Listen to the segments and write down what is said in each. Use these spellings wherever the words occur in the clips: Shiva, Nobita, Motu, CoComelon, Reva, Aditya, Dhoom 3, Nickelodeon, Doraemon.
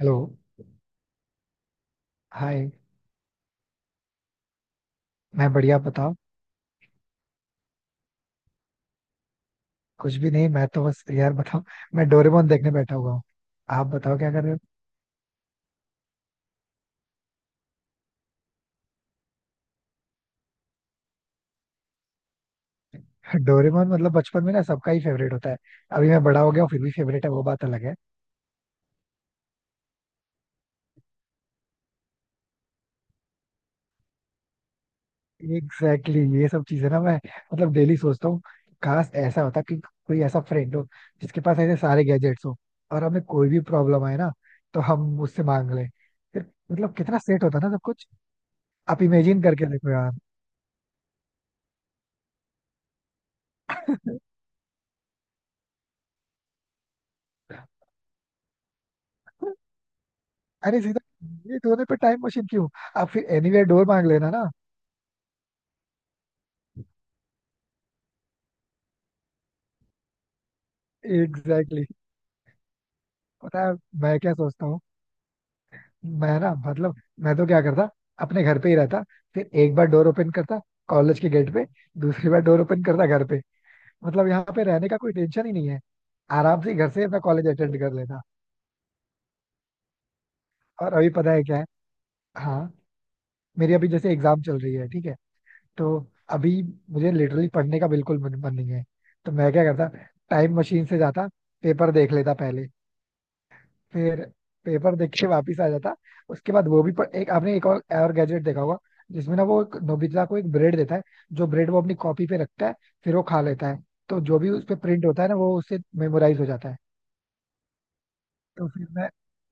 Hello. Hi. मैं बढ़िया, बताओ. कुछ भी नहीं, मैं तो बस यार बताओ. मैं डोरेमोन देखने बैठा हुआ हूँ. आप बताओ क्या कर रहे हो. डोरेमोन मतलब बचपन में ना सबका ही फेवरेट होता है. अभी मैं बड़ा हो गया हूँ फिर भी फेवरेट है, वो बात अलग है. एग्जैक्टली exactly, ये सब चीजें ना मैं मतलब डेली सोचता हूँ. काश ऐसा होता कि कोई ऐसा फ्रेंड हो जिसके पास ऐसे सारे गैजेट्स हो, और हमें कोई भी प्रॉब्लम आए ना तो हम उससे मांग लें. फिर मतलब कितना सेट होता ना सब कुछ. आप इमेजिन करके देखो यार. अरे सीधा, लेट होने पे टाइम मशीन क्यों? आप फिर एनीवेयर डोर मांग लेना ना. Exactly exactly. पता है मैं क्या सोचता हूँ. मैं ना मतलब मैं तो क्या करता, अपने घर पे ही रहता. फिर एक बार डोर ओपन करता कॉलेज के गेट पे, दूसरी बार डोर ओपन करता घर पे. मतलब यहाँ पे रहने का कोई टेंशन ही नहीं है. आराम से घर से अपना कॉलेज अटेंड कर लेता. और अभी पता है क्या है. हाँ, मेरी अभी जैसे एग्जाम चल रही है, ठीक है. तो अभी मुझे लिटरली पढ़ने का बिल्कुल मन मन नहीं है. तो मैं क्या करता, टाइम मशीन से जाता, पेपर देख लेता पहले. फिर पेपर देख के वापिस आ जाता. उसके बाद वो भी पढ़, एक आपने एक और गैजेट देखा होगा जिसमें ना वो एक नोबिता को एक ब्रेड देता है. जो ब्रेड वो अपनी कॉपी पे रखता है, फिर वो खा लेता है. तो जो भी उस पे प्रिंट होता है ना, वो उससे मेमोराइज हो जाता है. तो फिर मैं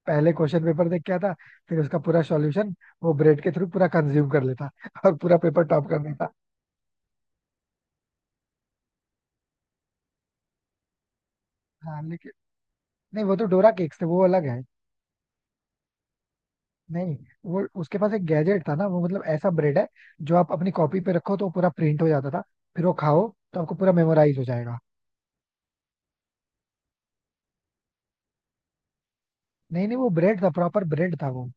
पहले क्वेश्चन पेपर देख के आता, फिर उसका पूरा सॉल्यूशन वो ब्रेड के थ्रू पूरा कंज्यूम कर लेता और पूरा पेपर टॉप कर देता. हाँ लेकिन नहीं, वो तो डोरा केक्स थे, वो अलग है. नहीं, वो उसके पास एक गैजेट था ना, वो मतलब ऐसा ब्रेड है जो आप अपनी कॉपी पे रखो तो पूरा प्रिंट हो जाता था. फिर वो खाओ तो आपको पूरा मेमोराइज हो जाएगा. नहीं नहीं, वो ब्रेड था, प्रॉपर ब्रेड था वो.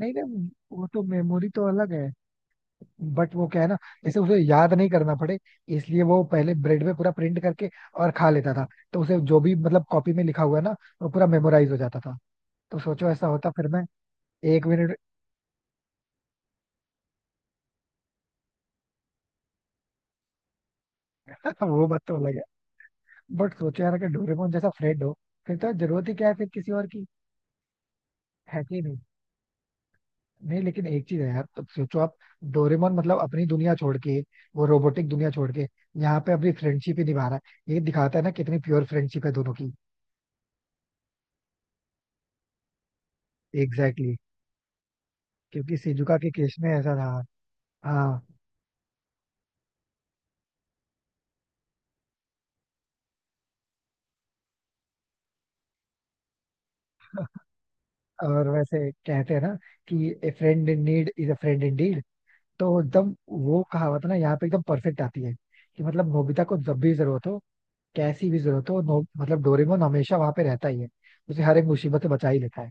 नहीं नहीं, वो तो मेमोरी तो अलग है. बट वो क्या है ना, जैसे उसे याद नहीं करना पड़े इसलिए वो पहले ब्रेड पे पूरा प्रिंट करके और खा लेता था. तो उसे जो भी मतलब कॉपी में लिखा हुआ है ना, वो पूरा मेमोराइज हो जाता था. तो सोचो ऐसा होता फिर मैं, एक मिनट. वो बात तो अलग है. बट सोचो यार अगर डोरेमोन जैसा फ्रेंड हो, फिर तो जरूरत ही क्या है फिर किसी और की. है कि नहीं? नहीं, लेकिन एक चीज है यार, अब सोचो आप. डोरेमोन मतलब अपनी दुनिया छोड़ के, वो रोबोटिक दुनिया छोड़ के यहाँ पे अपनी फ्रेंडशिप ही निभा रहा है. ये दिखाता है ना कितनी प्योर फ्रेंडशिप है दोनों की. Exactly exactly. क्योंकि सिजुका के केस में ऐसा था. हाँ, और वैसे कहते हैं ना कि a friend in need is a friend in deed. तो एकदम वो कहावत ना यहाँ पे एकदम परफेक्ट आती है कि मतलब नोबिता को जब भी जरूरत हो, कैसी भी जरूरत हो नो, मतलब डोरेमोन हमेशा वहां पे रहता ही है. उसे हर एक मुसीबत से बचा ही लेता है.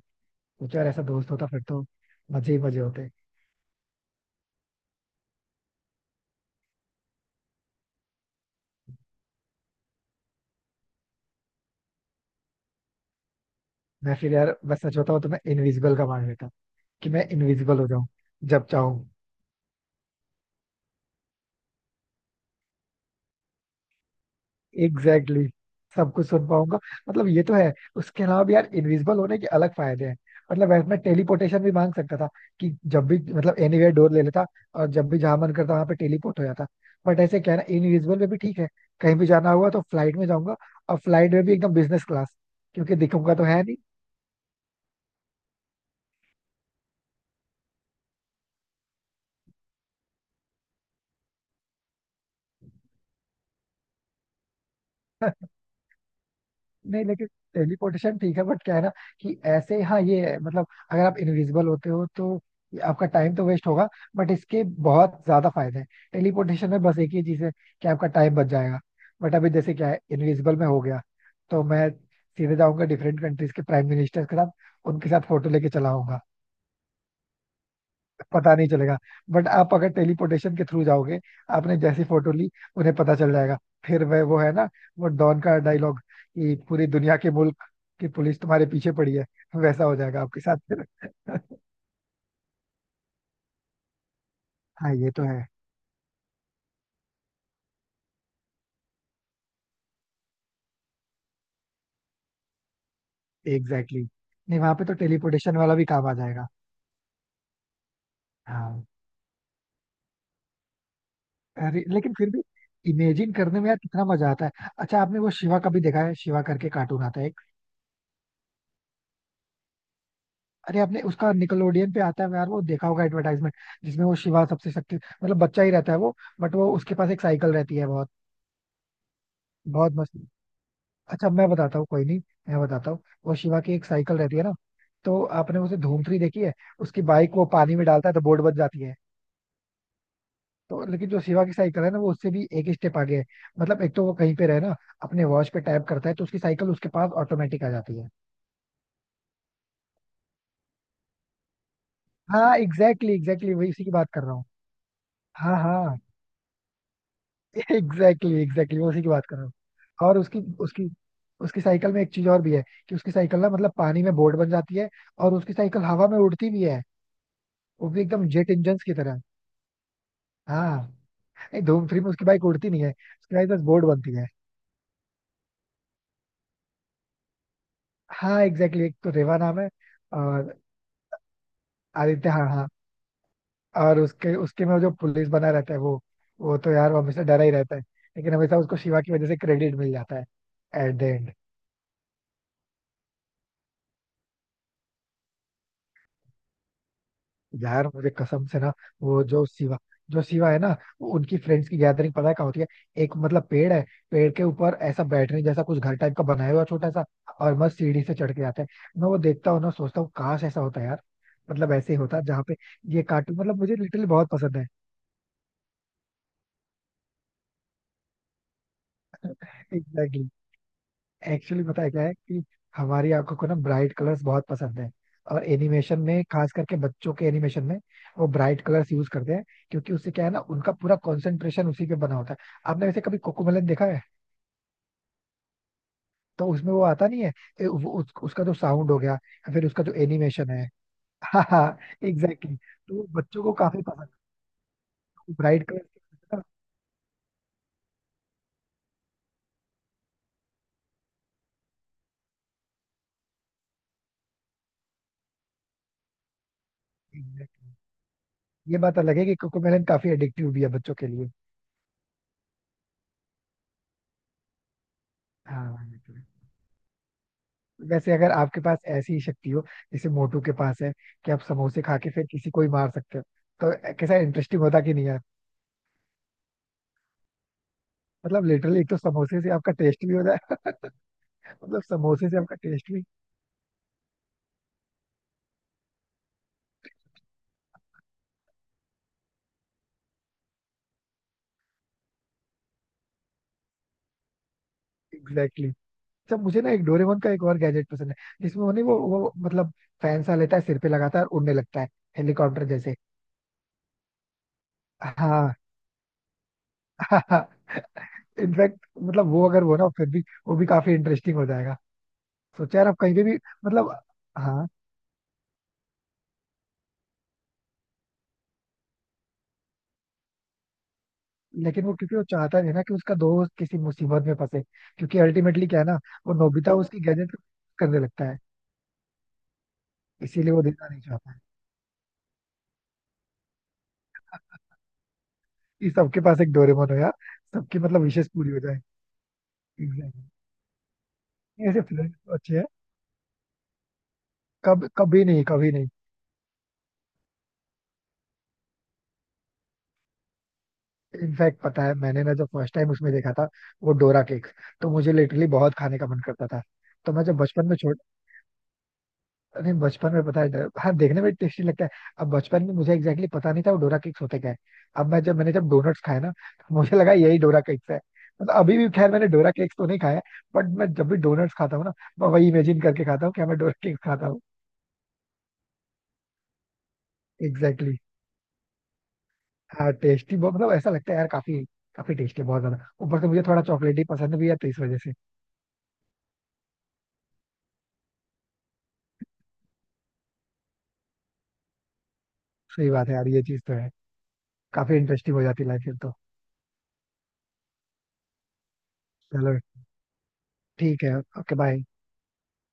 कुछ यार ऐसा दोस्त होता फिर तो मजे ही मजे होते. मैं फिर यार, मैं सच बताऊं तो मैं इनविजिबल का मान लेता, कि मैं इनविजिबल हो जाऊं जब चाहूं. Exactly exactly. सब कुछ सुन पाऊंगा. मतलब ये तो है. उसके अलावा भी यार इनविजिबल होने के अलग फायदे हैं. मतलब ऐसे मैं टेलीपोर्टेशन भी मांग सकता था कि जब भी मतलब एनीवेयर डोर ले लेता और जब भी जहां मन करता वहां पे टेलीपोर्ट हो जाता. बट ऐसे क्या है ना, इनविजिबल में भी ठीक है. कहीं भी जाना हुआ तो फ्लाइट में जाऊंगा और फ्लाइट में भी एकदम बिजनेस क्लास, क्योंकि दिखूंगा तो है नहीं. नहीं लेकिन टेलीपोर्टेशन ठीक है, बट क्या है ना कि ऐसे. हाँ ये है, मतलब अगर आप इनविजिबल होते हो तो ये आपका टाइम तो वेस्ट होगा, बट इसके बहुत ज्यादा फायदे हैं. टेलीपोर्टेशन में बस एक ही चीज है कि आपका टाइम बच जाएगा. बट अभी जैसे क्या है, इनविजिबल में हो गया तो मैं सीधे जाऊंगा डिफरेंट कंट्रीज के प्राइम मिनिस्टर के साथ, उनके साथ फोटो लेके चला आऊंगा. पता नहीं चलेगा. बट आप अगर टेलीपोर्टेशन के थ्रू जाओगे, आपने जैसी फोटो ली उन्हें पता चल जाएगा. फिर वह वो है ना, वो डॉन का डायलॉग कि पूरी दुनिया के मुल्क की पुलिस तुम्हारे पीछे पड़ी है. वैसा हो जाएगा आपके साथ फिर. हाँ ये तो है. Exactly exactly. नहीं वहां पे तो टेलीपोर्टेशन वाला भी काम आ जाएगा. हाँ. अरे लेकिन फिर भी इमेजिन करने में यार कितना मजा आता है. अच्छा आपने वो शिवा का भी देखा है? शिवा करके कार्टून आता है. अरे आपने उसका निकलोडियन पे आता है यार, वो देखा होगा एडवर्टाइजमेंट, जिसमें वो शिवा सबसे शक्ति मतलब बच्चा ही रहता है वो. बट वो उसके पास एक साइकिल रहती है, बहुत बहुत मस्त. अच्छा मैं बताता हूँ, कोई नहीं, मैं बताता हूँ. वो शिवा की एक साइकिल रहती है ना. तो आपने उसे धूम थ्री देखी है. उसकी बाइक वो पानी में डालता है तो बोर्ड बच जाती है. तो लेकिन जो शिवा की साइकिल है ना, वो उससे भी एक स्टेप आगे है. मतलब एक तो वो कहीं पे रहे ना, अपने वॉच पे टैप करता है तो उसकी साइकिल उसके पास ऑटोमेटिक आ जाती है. हाँ एग्जैक्टली एग्जैक्टली, वही उसी की बात कर रहा हूँ. हाँ हाँ, एग्जैक्टली एग्जैक्टली उसी की बात कर रहा हूँ. और उसकी उसकी उसकी साइकिल में एक चीज और भी है कि उसकी साइकिल ना मतलब पानी में बोट बन जाती है, और उसकी साइकिल हवा में उड़ती भी है, वो भी एकदम जेट इंजन की तरह. हाँ. नहीं, धूम थ्री में उसकी बाइक उड़ती नहीं है, उसकी बाइक बस बोट बनती है. हाँ एग्जैक्टली, एक तो रेवा नाम है. और आदित्य, हाँ हाँ. और उसके उसके में जो पुलिस बना रहता है वो तो यार वो हमेशा डरा ही रहता है. लेकिन हमेशा उसको शिवा की वजह से क्रेडिट मिल जाता है, एट द एंड. यार मुझे कसम से ना, वो जो शिवा, जो शिवा है ना, वो उनकी फ्रेंड्स की गैदरिंग पता है कहाँ होती है? एक मतलब पेड़ है. पेड़ के ऊपर ऐसा बैठने जैसा कुछ घर टाइप का बनाया हुआ है छोटा सा, और मस्त सीढ़ी से चढ़ के जाते हैं. मैं वो देखता हूँ ना, सोचता हूँ काश ऐसा होता यार. मतलब ऐसे ही होता जहाँ पे. ये कार्टून मतलब मुझे लिटरली बहुत पसंद है. एग्जैक्टली. एक्चुअली पता है क्या है कि हमारी आंखों को ना ब्राइट कलर्स बहुत पसंद है. और एनिमेशन में, खास करके बच्चों के एनिमेशन में, वो ब्राइट कलर्स यूज करते हैं, क्योंकि उससे क्या है ना उनका पूरा कंसंट्रेशन उसी पे बना होता है. आपने वैसे कभी कोकोमेलन देखा है? तो उसमें वो आता नहीं है, ए, वो, उस, उसका जो साउंड हो गया या फिर उसका जो एनिमेशन है. हाँ हाँ एग्जैक्टली, तो वो बच्चों को काफी पसंद है, ब्राइट कलर की वजह से ना. एग्जैक्टली. ये बात अलग है कि कोकोमेलन काफी एडिक्टिव भी है बच्चों के लिए. हाँ exactly. वैसे अगर आपके पास ऐसी ही शक्ति हो जैसे मोटू के पास है कि आप समोसे खा के फिर किसी को ही मार सकते हो, तो कैसा इंटरेस्टिंग होता कि नहीं यार? मतलब लिटरली एक तो समोसे से आपका टेस्ट भी हो जाएगा. मतलब समोसे से आपका टेस्ट भी. Exactly exactly. अच्छा मुझे ना एक डोरेमोन का एक और गैजेट पसंद है, जिसमें उन्हें वो मतलब फैन सा लेता है, सिर पे लगाता है और उड़ने लगता है, हेलीकॉप्टर जैसे. हाँ. हाँ इनफैक्ट मतलब वो अगर वो ना, फिर भी वो भी काफी इंटरेस्टिंग हो जाएगा. सोचा यार आप कहीं पे भी. मतलब हाँ. लेकिन वो क्योंकि वो चाहता नहीं ना कि उसका दोस्त किसी मुसीबत में फंसे, क्योंकि अल्टीमेटली क्या है ना वो नोबिता उसकी गैजेट करने लगता है. इसीलिए वो देना नहीं चाहता है कि सबके पास एक डोरेमोन हो यार, सबकी मतलब विशेष पूरी हो जाए. एग्जैक्टली. ऐसे फ्रेंड्स तो अच्छे हैं. कब, कभी नहीं, कभी नहीं. इनफैक्ट पता है मैंने ना जब फर्स्ट टाइम उसमें देखा था वो डोरा केक, तो मुझे लिटरली बहुत खाने का मन करता था. तो मैं जब बचपन में छोटा, अरे बचपन में पता है डर- हाँ, देखने में टेस्टी लगता है. अब बचपन में मुझे एग्जैक्टली exactly पता नहीं था वो डोरा केक्स होते क्या है. अब मैं जब मैंने जब डोनट्स खाए ना, तो मुझे लगा यही डोरा केक्स है. मतलब अभी भी खैर मैंने डोरा केक्स तो नहीं खाया, बट मैं जब भी डोनट्स खाता हूँ ना, मैं वही इमेजिन करके खाता हूँ कि मैं डोरा केक्स खाता हूँ. Exactly exactly. हाँ टेस्टी बहुत, मतलब ऐसा लगता है यार, काफी काफी टेस्टी बहुत ज्यादा. ऊपर से मुझे थोड़ा चॉकलेट ही पसंद भी है, तो इस वजह से. सही बात है यार, ये चीज तो है. काफी इंटरेस्टिंग हो जाती है लाइफ फिर तो. चलो ठीक है. Okay bye.